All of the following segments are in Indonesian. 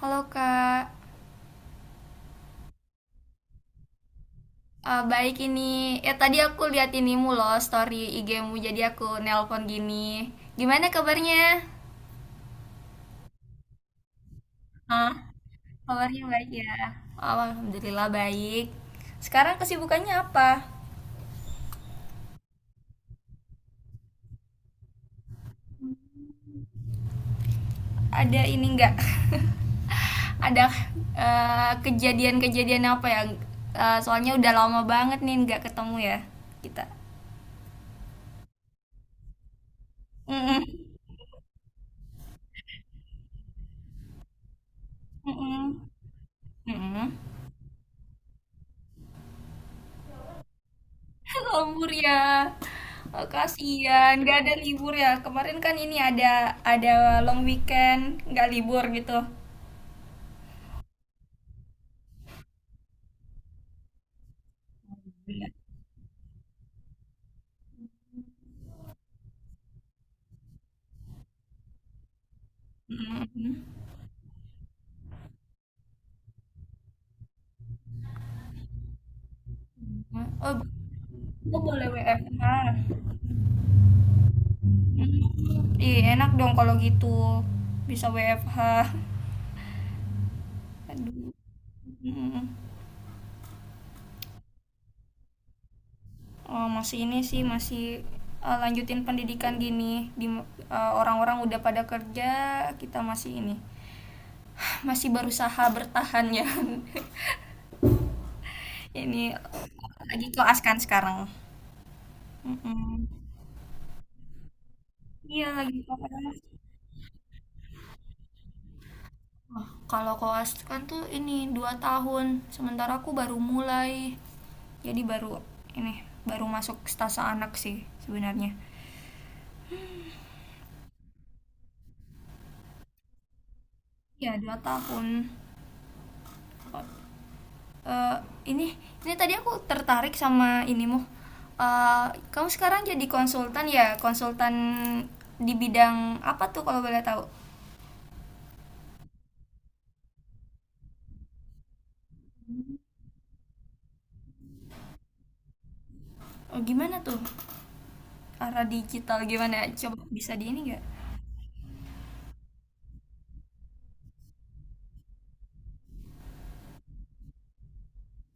Halo Kak, baik ini. Ya tadi aku lihat inimu loh story IG-mu jadi aku nelpon gini. Gimana kabarnya? Hah? Kabarnya baik ya. Oh, Alhamdulillah baik. Sekarang kesibukannya apa? Ada ini enggak? Ada kejadian-kejadian apa ya? Soalnya udah lama banget nih nggak ketemu ya kita. Mm-mm. Mm-mm. Mm-mm. Lembur ya. Oh, kasihan, nggak ada libur ya. Kemarin kan ini ada ada long weekend, nggak libur gitu. Mm. Oh, oh, boleh WFH. Mm. Ih, enak dong kalau gitu. Bisa WFH. Aduh. Mm. Oh, masih ini sih masih lanjutin pendidikan gini di orang-orang udah pada kerja, kita masih ini masih berusaha bertahan ya. Ini lagi koas kan sekarang. Mm-mm. Iya lagi koas. Wah, kalau koas kan tuh ini 2 tahun, sementara aku baru mulai. Jadi baru ini baru masuk stase anak sih sebenarnya. Ya 2 tahun. Eh ini ini tadi aku tertarik sama inimu. Eh Kamu sekarang jadi konsultan ya, konsultan di bidang apa tuh kalau boleh tahu? Oh, gimana tuh? Arah digital gimana? Coba bisa di ini nggak?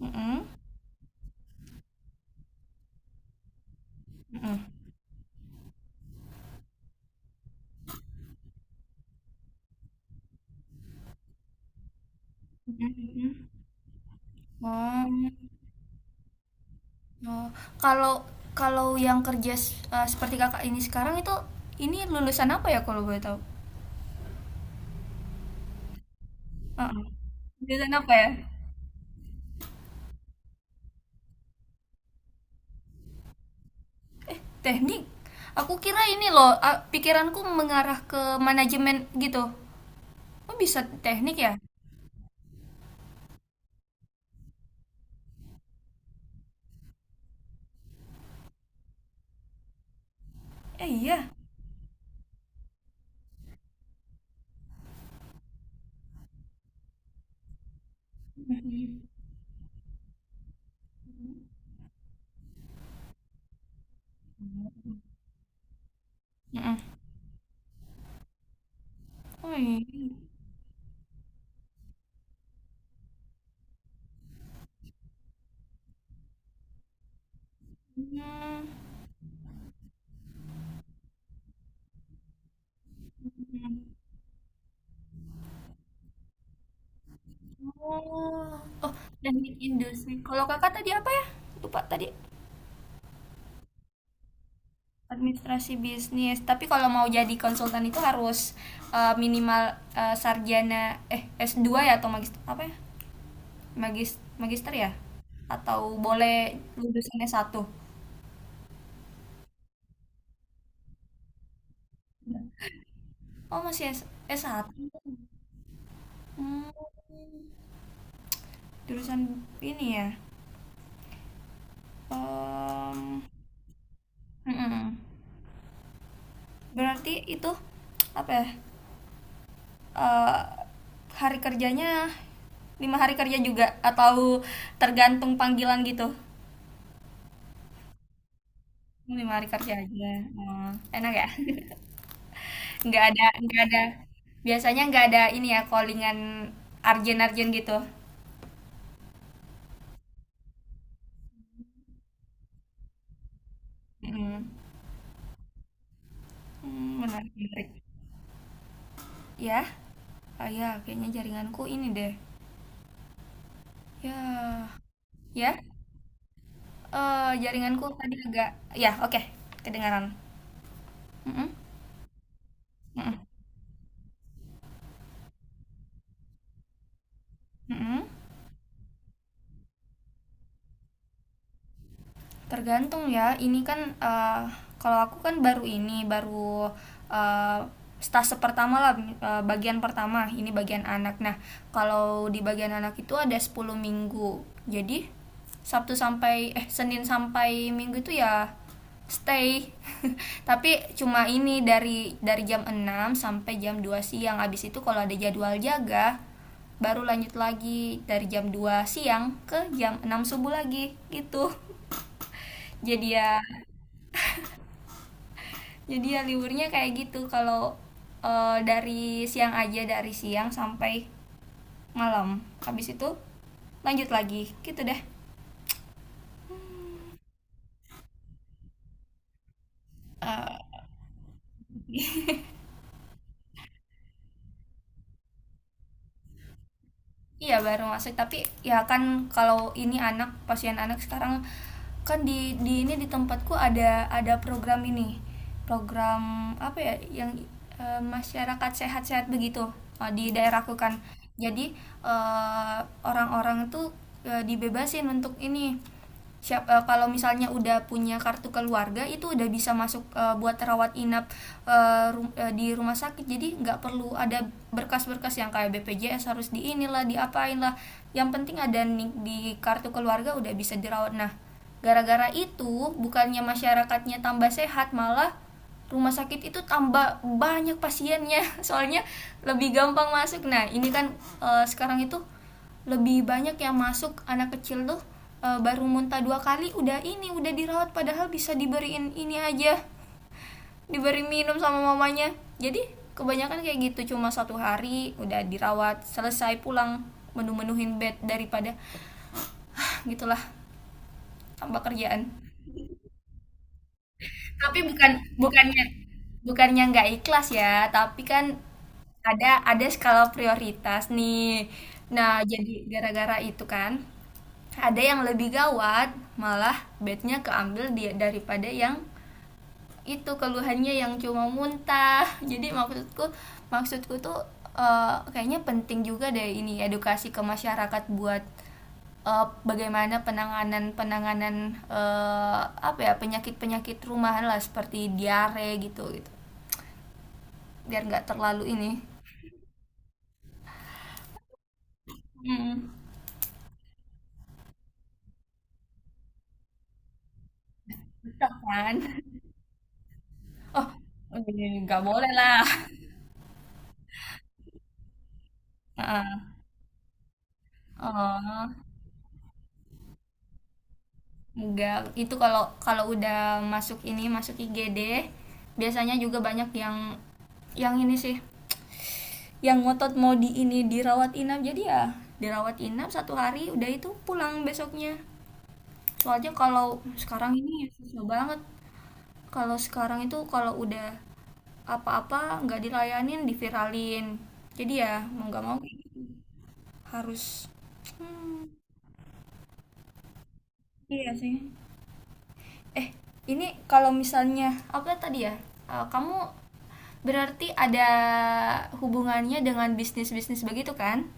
Mhm, mhm, mhm mhm. Oh oh, kalau kalau yang kerja s seperti Kakak ini sekarang itu, ini lulusan apa ya kalau boleh tahu? Heeh, lulusan apa ya? Eh, Teknik? Aku kira ini loh, a pikiranku mengarah ke manajemen gitu. Oh bisa teknik ya? Eh, iya? Mhm mhm, mhm. Oh iya, mmm, mhm. Oh, oh teknik industri. Kalau Kakak tadi apa ya? Lupa tadi. Administrasi bisnis tapi kalau mau jadi konsultan itu harus minimal sarjana eh s dua ya atau magister apa ya magis magister ya atau boleh lulusan S1 oh masih S S1. Hmm, jurusan ini ya. Em, mm-mm. Berarti itu apa ya. Eh, Hari kerjanya lima hari kerja juga atau tergantung panggilan gitu. Lima hari kerja aja. Oh, enak ya? Nggak ada, nggak ada. Biasanya nggak ada ini ya, callingan arjen-arjen gitu. Mm. Hmm, menarik, menarik. Ya, oh ya, kayaknya jaringanku ini deh. Ya, ya, jaringanku tadi agak, ya, oke, kedengaran. Mm-mm, mm-mm, mm-mm. Tergantung ya. Ini kan kalau aku kan baru ini, baru eh, stase pertama lah bagian pertama. Ini bagian anak. Nah, kalau di bagian anak itu ada 10 minggu. Jadi Sabtu sampai Senin sampai Minggu itu ya stay. Tapi cuma ini dari jam 6 sampai jam 2 siang. Abis itu kalau ada jadwal jaga baru lanjut lagi dari jam 2 siang ke jam 6 subuh lagi gitu. Jadi ya, jadi ya liburnya kayak gitu kalau dari siang aja dari siang sampai malam. Habis itu lanjut lagi, gitu deh. Iya baru masuk tapi ya kan kalau ini anak pasien anak sekarang kan di ini di tempatku ada program ini program apa ya yang masyarakat sehat-sehat begitu di daerahku kan jadi eh, orang-orang tuh dibebasin untuk ini siap kalau misalnya udah punya kartu keluarga itu udah bisa masuk buat rawat inap di rumah sakit jadi nggak perlu ada berkas-berkas yang kayak BPJS harus di inilah diapain lah yang penting ada nih di kartu keluarga udah bisa dirawat. Nah, gara-gara itu bukannya masyarakatnya tambah sehat malah rumah sakit itu tambah banyak pasiennya soalnya lebih gampang masuk. Nah ini kan sekarang itu lebih banyak yang masuk anak kecil tuh baru muntah dua kali udah ini udah dirawat padahal bisa diberiin ini aja diberi minum sama mamanya. Jadi kebanyakan kayak gitu cuma satu hari udah dirawat selesai pulang, menu-menuhin bed daripada ah, gitulah, tambah kerjaan. Tapi bukan bukannya bukannya nggak ikhlas ya, tapi kan ada skala prioritas nih. Nah, jadi gara-gara itu kan ada yang lebih gawat, malah bednya keambil dia daripada yang itu keluhannya yang cuma muntah. Jadi maksudku maksudku tuh eh, kayaknya penting juga deh ini edukasi ke masyarakat buat eh, bagaimana penanganan penanganan eh, apa ya penyakit penyakit rumahan lah seperti diare gitu gitu biar nggak terlalu ini. Hmm, cocok kan. Oh, oh, ini nggak boleh lah. Heeh. Oh, enggak, itu kalau kalau udah masuk ini masuk IGD biasanya juga banyak yang ini sih yang ngotot mau di ini dirawat inap. Jadi ya dirawat inap satu hari udah itu pulang besoknya. Soalnya kalau sekarang ini ya susah banget kalau sekarang itu kalau udah apa-apa nggak dilayanin diviralin jadi ya mau nggak mau harus. Hmm, iya sih. Eh ini Kalau misalnya apa tadi ya. Kamu berarti ada hubungannya dengan bisnis bisnis begitu kan,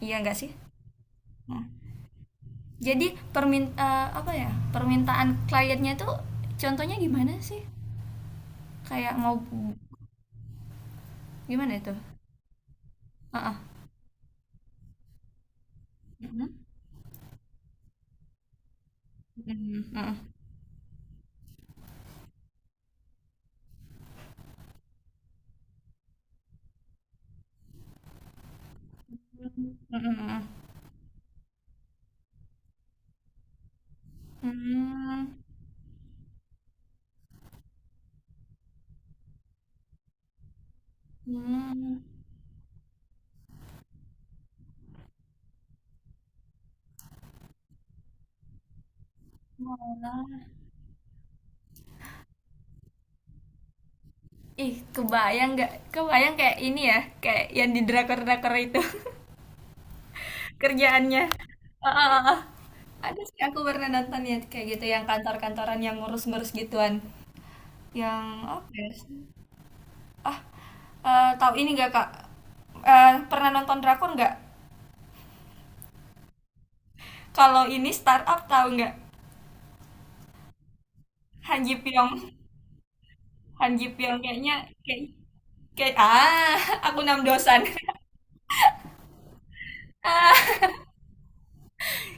iya nggak sih? Nah, jadi apa ya, permintaan kliennya tuh contohnya gimana sih, kayak mau gimana itu? Heeh. Mm, mm, mm, mm, mm, mm, mm. Ih, kebayang nggak? Kebayang kayak ini ya, kayak yang di drakor-drakor itu. Kerjaannya. Ah, ah, ah, ah. Ada sih aku pernah nonton ya kayak gitu yang kantor-kantoran yang ngurus-ngurus gituan. Yang apa ya? Sih? Ah, tahu ini nggak Kak? Pernah nonton drakor nggak? Kalau ini startup tahu nggak? Han Ji Pyong. Han Ji Pyong kayaknya kayak kayak ah, aku enam dosan.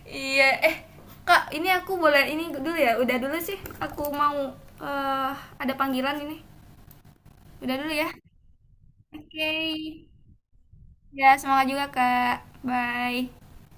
Iya, Kak, ini aku boleh ini dulu ya. Udah dulu sih. Aku mau eh ada panggilan ini. Udah dulu ya. Oke. Ya, semangat juga, Kak. Bye.